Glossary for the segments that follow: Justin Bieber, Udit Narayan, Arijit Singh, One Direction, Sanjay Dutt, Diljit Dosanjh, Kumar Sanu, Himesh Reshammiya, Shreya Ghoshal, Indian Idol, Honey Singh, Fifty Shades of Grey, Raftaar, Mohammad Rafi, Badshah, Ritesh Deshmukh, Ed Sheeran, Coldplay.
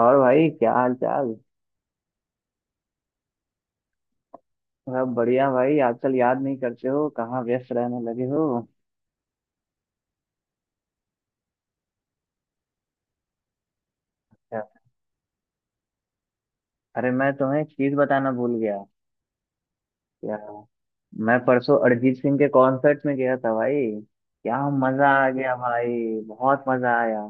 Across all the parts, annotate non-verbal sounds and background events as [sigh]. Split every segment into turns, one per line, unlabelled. और भाई क्या हाल चाल। सब बढ़िया भाई। आजकल याद नहीं करते हो, कहाँ व्यस्त रहने लगे हो? क्या? अरे मैं तुम्हें एक चीज बताना भूल गया। क्या। मैं परसों अरिजीत सिंह के कॉन्सर्ट में गया था भाई। क्या मजा आ गया भाई, बहुत मजा आया।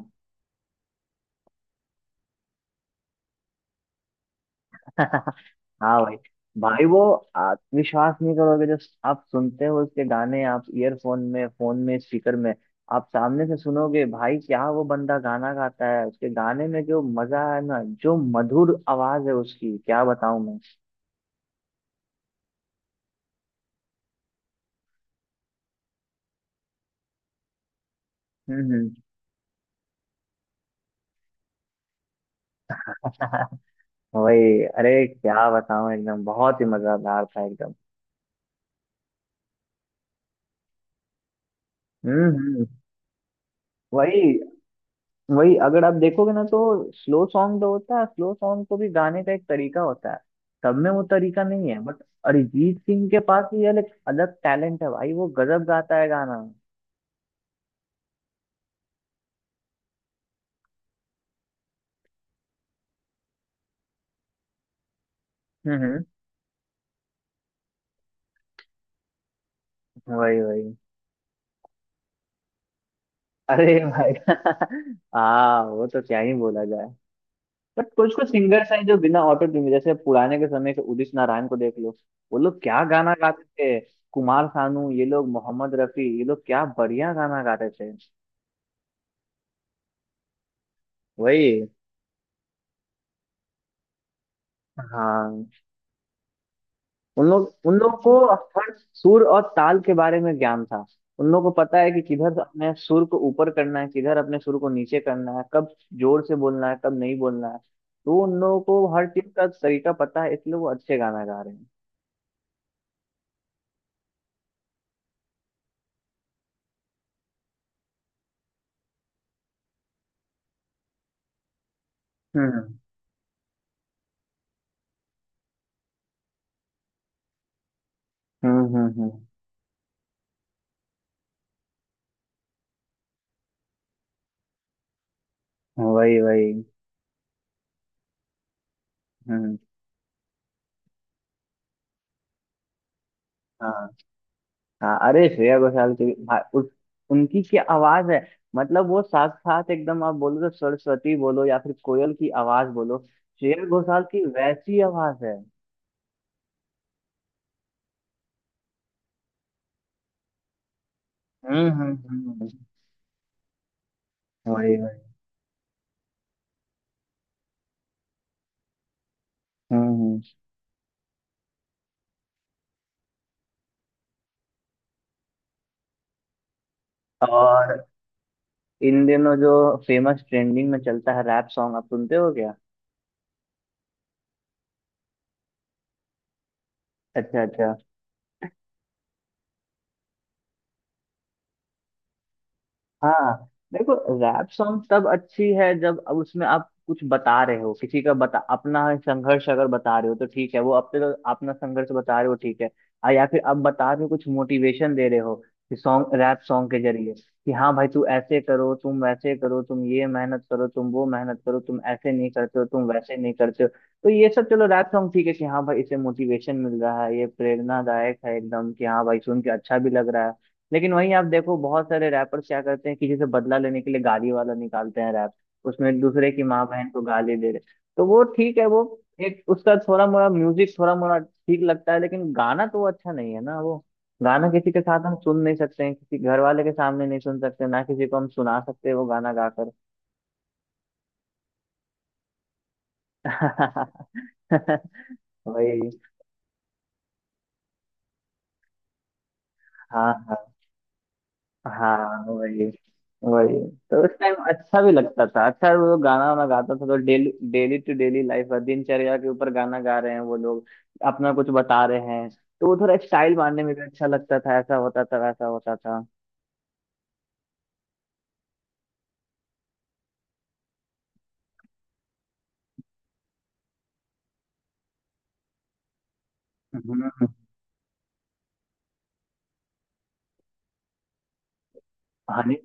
[laughs] हाँ भाई भाई। वो, आप विश्वास नहीं करोगे, जो आप सुनते हो उसके गाने आप ईयरफोन में, फोन में, स्पीकर में, आप सामने से सुनोगे भाई, क्या वो बंदा गाना गाता है। उसके गाने में जो मजा है ना, जो मधुर आवाज है उसकी, क्या बताऊं मैं। हम्म हम्म। [laughs] वही, अरे क्या बताऊं, एकदम बहुत ही मजेदार था एकदम। हम्म, वही वही। अगर आप देखोगे ना तो स्लो सॉन्ग तो होता है, स्लो सॉन्ग को भी गाने का एक तरीका होता है। सब में वो तरीका नहीं है, बट अरिजीत सिंह के पास भी अलग अलग टैलेंट है भाई, वो गजब गाता है गाना। हम्म हम्म, वही वही। अरे भाई [laughs] हाँ, वो तो क्या ही बोला जाए। बट कुछ कुछ सिंगर्स हैं जो बिना ऑटो ट्यून के- जैसे पुराने के समय के उदित नारायण को देख लो, वो लोग क्या गाना गाते थे। कुमार सानू ये लोग, मोहम्मद रफी ये लोग, क्या बढ़िया गाना गाते थे। वही। हाँ, उन लोग को हर सुर और ताल के बारे में ज्ञान था। उन लोग को पता है कि किधर अपने सुर को ऊपर करना है, किधर अपने सुर को नीचे करना है, कब जोर से बोलना है, कब नहीं बोलना है। तो उन लोगों को हर चीज का तरीका पता है, इसलिए वो अच्छे गाना गा रहे हैं। हम्म हम्म हम्म वही वही। हम्म हाँ हाँ, अरे श्रेया घोषाल की भा- उस, उनकी क्या आवाज है। मतलब वो साथ साथ एकदम, आप बोलो तो सरस्वती बोलो या फिर कोयल की आवाज बोलो, श्रेया घोषाल की वैसी आवाज है। हम्म हम्म हम्म, वही वही। हम्म हम्म। और इन दिनों जो फेमस ट्रेंडिंग में चलता है रैप सॉन्ग, आप सुनते हो क्या? अच्छा अच्छा। हाँ देखो, रैप सॉन्ग तब अच्छी है जब अब उसमें आप कुछ बता रहे हो, किसी का बता, अपना संघर्ष अगर बता रहे हो तो ठीक है, वो अपने तो अपना संघर्ष बता रहे हो ठीक है। या फिर आप बता रहे हो, कुछ मोटिवेशन दे रहे हो कि सॉन्ग, रैप सॉन्ग के जरिए, कि हाँ भाई तू ऐसे करो, तुम वैसे करो, तुम ये मेहनत करो, तुम वो मेहनत करो, तुम ऐसे नहीं करते हो, तुम वैसे नहीं करते हो। तो ये सब चलो रैप सॉन्ग ठीक है कि हाँ भाई इसे मोटिवेशन मिल रहा है, ये प्रेरणादायक है एकदम, कि हाँ भाई सुन के अच्छा भी लग रहा है। लेकिन वहीं आप देखो, बहुत सारे रैपर्स क्या करते हैं कि जैसे बदला लेने के लिए गाली वाला निकालते हैं रैप, उसमें एक दूसरे की माँ बहन को गाली दे रहे। तो वो ठीक है, वो एक उसका थोड़ा मोड़ा म्यूजिक थोड़ा मोड़ा ठीक लगता है, लेकिन गाना तो वो अच्छा नहीं है ना वो। गाना किसी के साथ हम सुन नहीं सकते हैं, किसी घर वाले के सामने नहीं सुन सकते ना, किसी को हम सुना सकते हैं वो गाना गाकर। [laughs] वही। हाँ हाँ हाँ। वही वही। तो उस टाइम अच्छा भी लगता था, अच्छा वो गाना वाना गाता था तो daily daily to daily life, दिनचर्या के ऊपर गाना गा रहे हैं वो लोग, अपना कुछ बता रहे हैं। तो वो थोड़ा स्टाइल मारने में भी अच्छा लगता था, ऐसा होता था वैसा होता था। हम्म। हनी,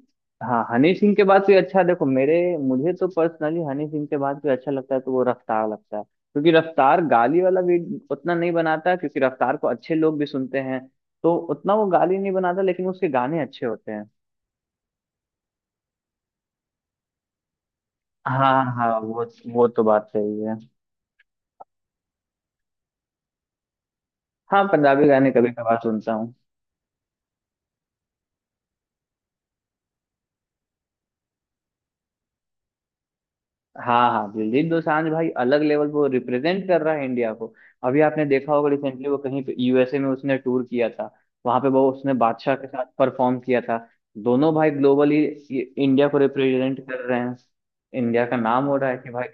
हाँ हनी सिंह के बाद भी अच्छा देखो, मेरे, मुझे तो पर्सनली हनी सिंह के बाद भी अच्छा लगता है, तो वो रफ्तार लगता है, क्योंकि रफ्तार गाली वाला भी उतना नहीं बनाता है, क्योंकि रफ्तार को अच्छे लोग भी सुनते हैं, तो उतना वो गाली नहीं बनाता, लेकिन उसके गाने अच्छे होते हैं। हाँ हाँ, वो तो बात सही है। हाँ पंजाबी गाने कभी कभार सुनता हूँ। हाँ हाँ, दिलजीत दोसांझ भाई अलग लेवल पर रिप्रेजेंट कर रहा है इंडिया को। अभी आपने देखा होगा रिसेंटली, वो कहीं पे यूएसए में उसने टूर किया था। वहां पे वो उसने बादशाह के साथ परफॉर्म किया था। दोनों भाई ग्लोबली इंडिया को रिप्रेजेंट कर रहे हैं। इंडिया का नाम हो रहा है कि भाई।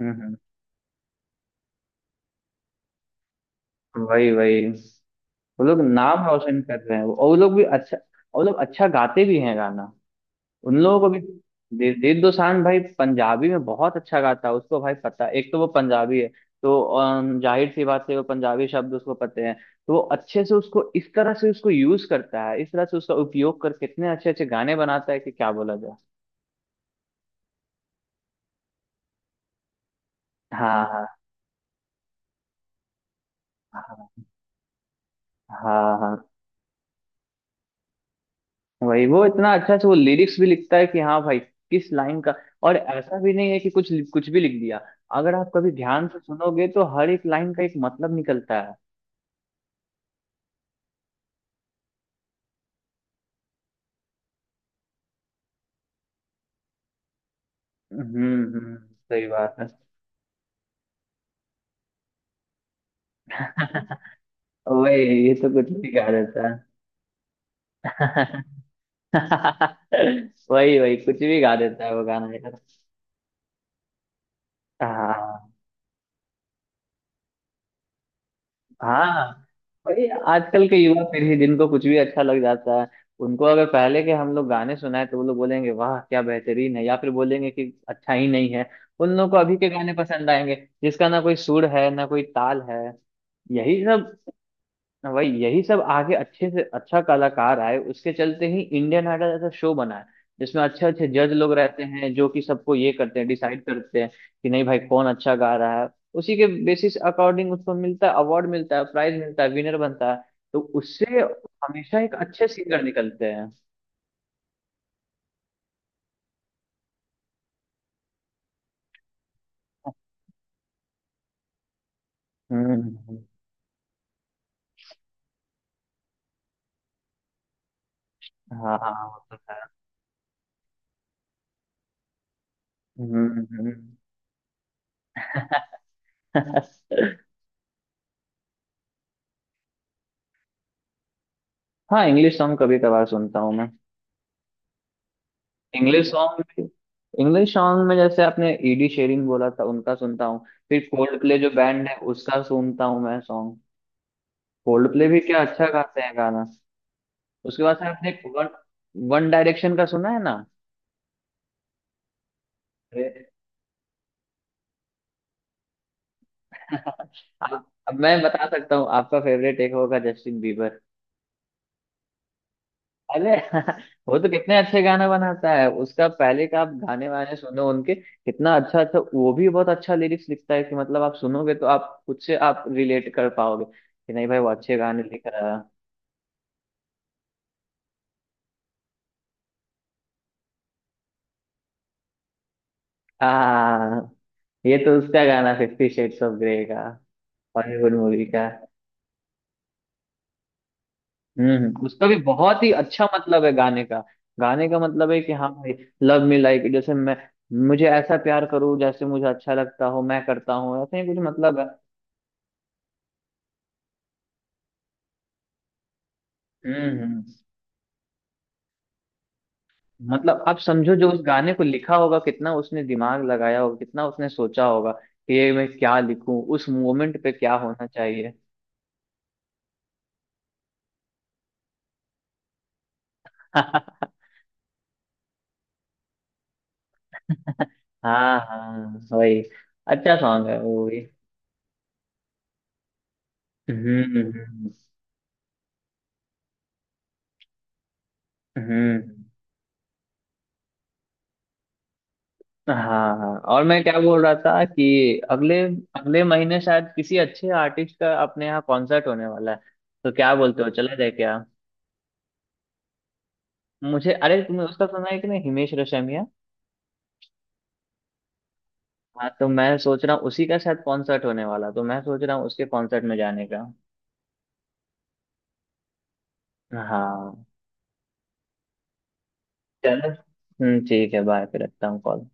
हम्म हम्म, वही वही। वो लोग नाम रोशन कर रहे हैं, और वो लोग भी अच्छा, वो लोग अच्छा गाते भी हैं गाना। उन लोगों को भी दे, दीप दोसांझ भाई पंजाबी में बहुत अच्छा गाता है। उसको भाई पता है, एक तो वो पंजाबी है, तो जाहिर सी बात है वो पंजाबी शब्द उसको पते हैं। तो वो अच्छे से उसको इस तरह से उसको यूज करता है, इस तरह से उसका उपयोग करके इतने अच्छे अच्छे गाने बनाता है कि क्या बोला जाए। हाँ हाँ। हाँ हाँ हाँ, वही। वो इतना अच्छा से वो लिरिक्स भी लिखता है कि हाँ भाई, किस लाइन का, और ऐसा भी नहीं है कि कुछ कुछ भी लिख दिया। अगर आप कभी ध्यान से सुनोगे तो हर एक लाइन का एक मतलब निकलता है। हम्म हम्म, सही बात है। [laughs] वही, ये तो कुछ भी गा देता है। [laughs] वही वही, कुछ भी गा देता है वो गाना यार। हाँ। हाँ वही, आजकल के युवा पीढ़ी जिनको कुछ भी अच्छा लग जाता है, उनको अगर पहले के हम लोग गाने सुनाए तो वो लोग बोलेंगे वाह क्या बेहतरीन है, या फिर बोलेंगे कि अच्छा ही नहीं है। उन लोगों को अभी के गाने पसंद आएंगे, जिसका ना कोई सुर है ना कोई ताल है। यही सब। वही यही सब आगे अच्छे से अच्छा कलाकार आए उसके चलते ही इंडियन आइडल ऐसा शो बना है, जिसमें अच्छे अच्छे जज लोग रहते हैं जो कि सबको ये करते हैं, डिसाइड करते हैं कि नहीं भाई कौन अच्छा गा रहा है। उसी के बेसिस अकॉर्डिंग उसको मिलता है, अवार्ड मिलता है, प्राइज मिलता है, विनर बनता है। तो उससे हमेशा एक अच्छे सिंगर निकलते हैं। हम्म। हाँ हाँ वो तो है। हम्म हम्म। [laughs] हाँ इंग्लिश सॉन्ग कभी कभार सुनता हूँ मैं। इंग्लिश सॉन्ग में, इंग्लिश सॉन्ग में जैसे आपने ईडी शेरिंग बोला था उनका सुनता हूँ, फिर कोल्ड प्ले जो बैंड है उसका सुनता हूँ मैं सॉन्ग। कोल्ड प्ले भी क्या अच्छा गाते हैं गाना। उसके बाद से आपने वन, वन डायरेक्शन का सुना है ना। अरे, [laughs] आप- अब मैं बता सकता हूँ आपका फेवरेट एक होगा जस्टिन बीबर। अरे [laughs] वो तो कितने अच्छे गाना बनाता है। उसका पहले का आप गाने वाने सुनो उनके, कितना अच्छा अच्छा, वो भी बहुत अच्छा लिरिक्स लिखता है कि मतलब आप सुनोगे तो आप खुद से आप रिलेट कर पाओगे कि नहीं भाई वो अच्छे गाने लिख रहा है। हाँ। ये तो उसका गाना फिफ्टी शेड्स ऑफ ग्रे का, हॉलीवुड मूवी का। उसका भी बहुत ही अच्छा मतलब है गाने का। गाने का मतलब है कि हाँ भाई, लव मी लाइक, जैसे मैं, मुझे ऐसा प्यार करो जैसे मुझे अच्छा लगता हो मैं करता हूँ, ऐसे ही कुछ मतलब है। हम्म हम्म। मतलब आप समझो जो उस गाने को लिखा होगा, कितना उसने दिमाग लगाया होगा, कितना उसने सोचा होगा कि ये मैं क्या लिखूं, उस मोमेंट पे क्या होना चाहिए। [laughs] हाँ। हाँ वही, अच्छा सॉन्ग है वो भी। हम्म हम्म हम्म, हाँ हाँ। और मैं क्या बोल रहा था कि अगले, अगले महीने शायद किसी अच्छे आर्टिस्ट का अपने यहाँ कॉन्सर्ट होने वाला है। तो क्या बोलते हो, चला जाए क्या? मुझे, अरे तुमने उसका सुना है कि नहीं, हिमेश रेशमिया। हाँ तो मैं सोच रहा हूँ उसी का शायद कॉन्सर्ट होने वाला, तो मैं सोच रहा हूँ उसके कॉन्सर्ट में जाने का। हाँ। चलो। ठीक है, बाय फिर, रखता हूँ कॉल।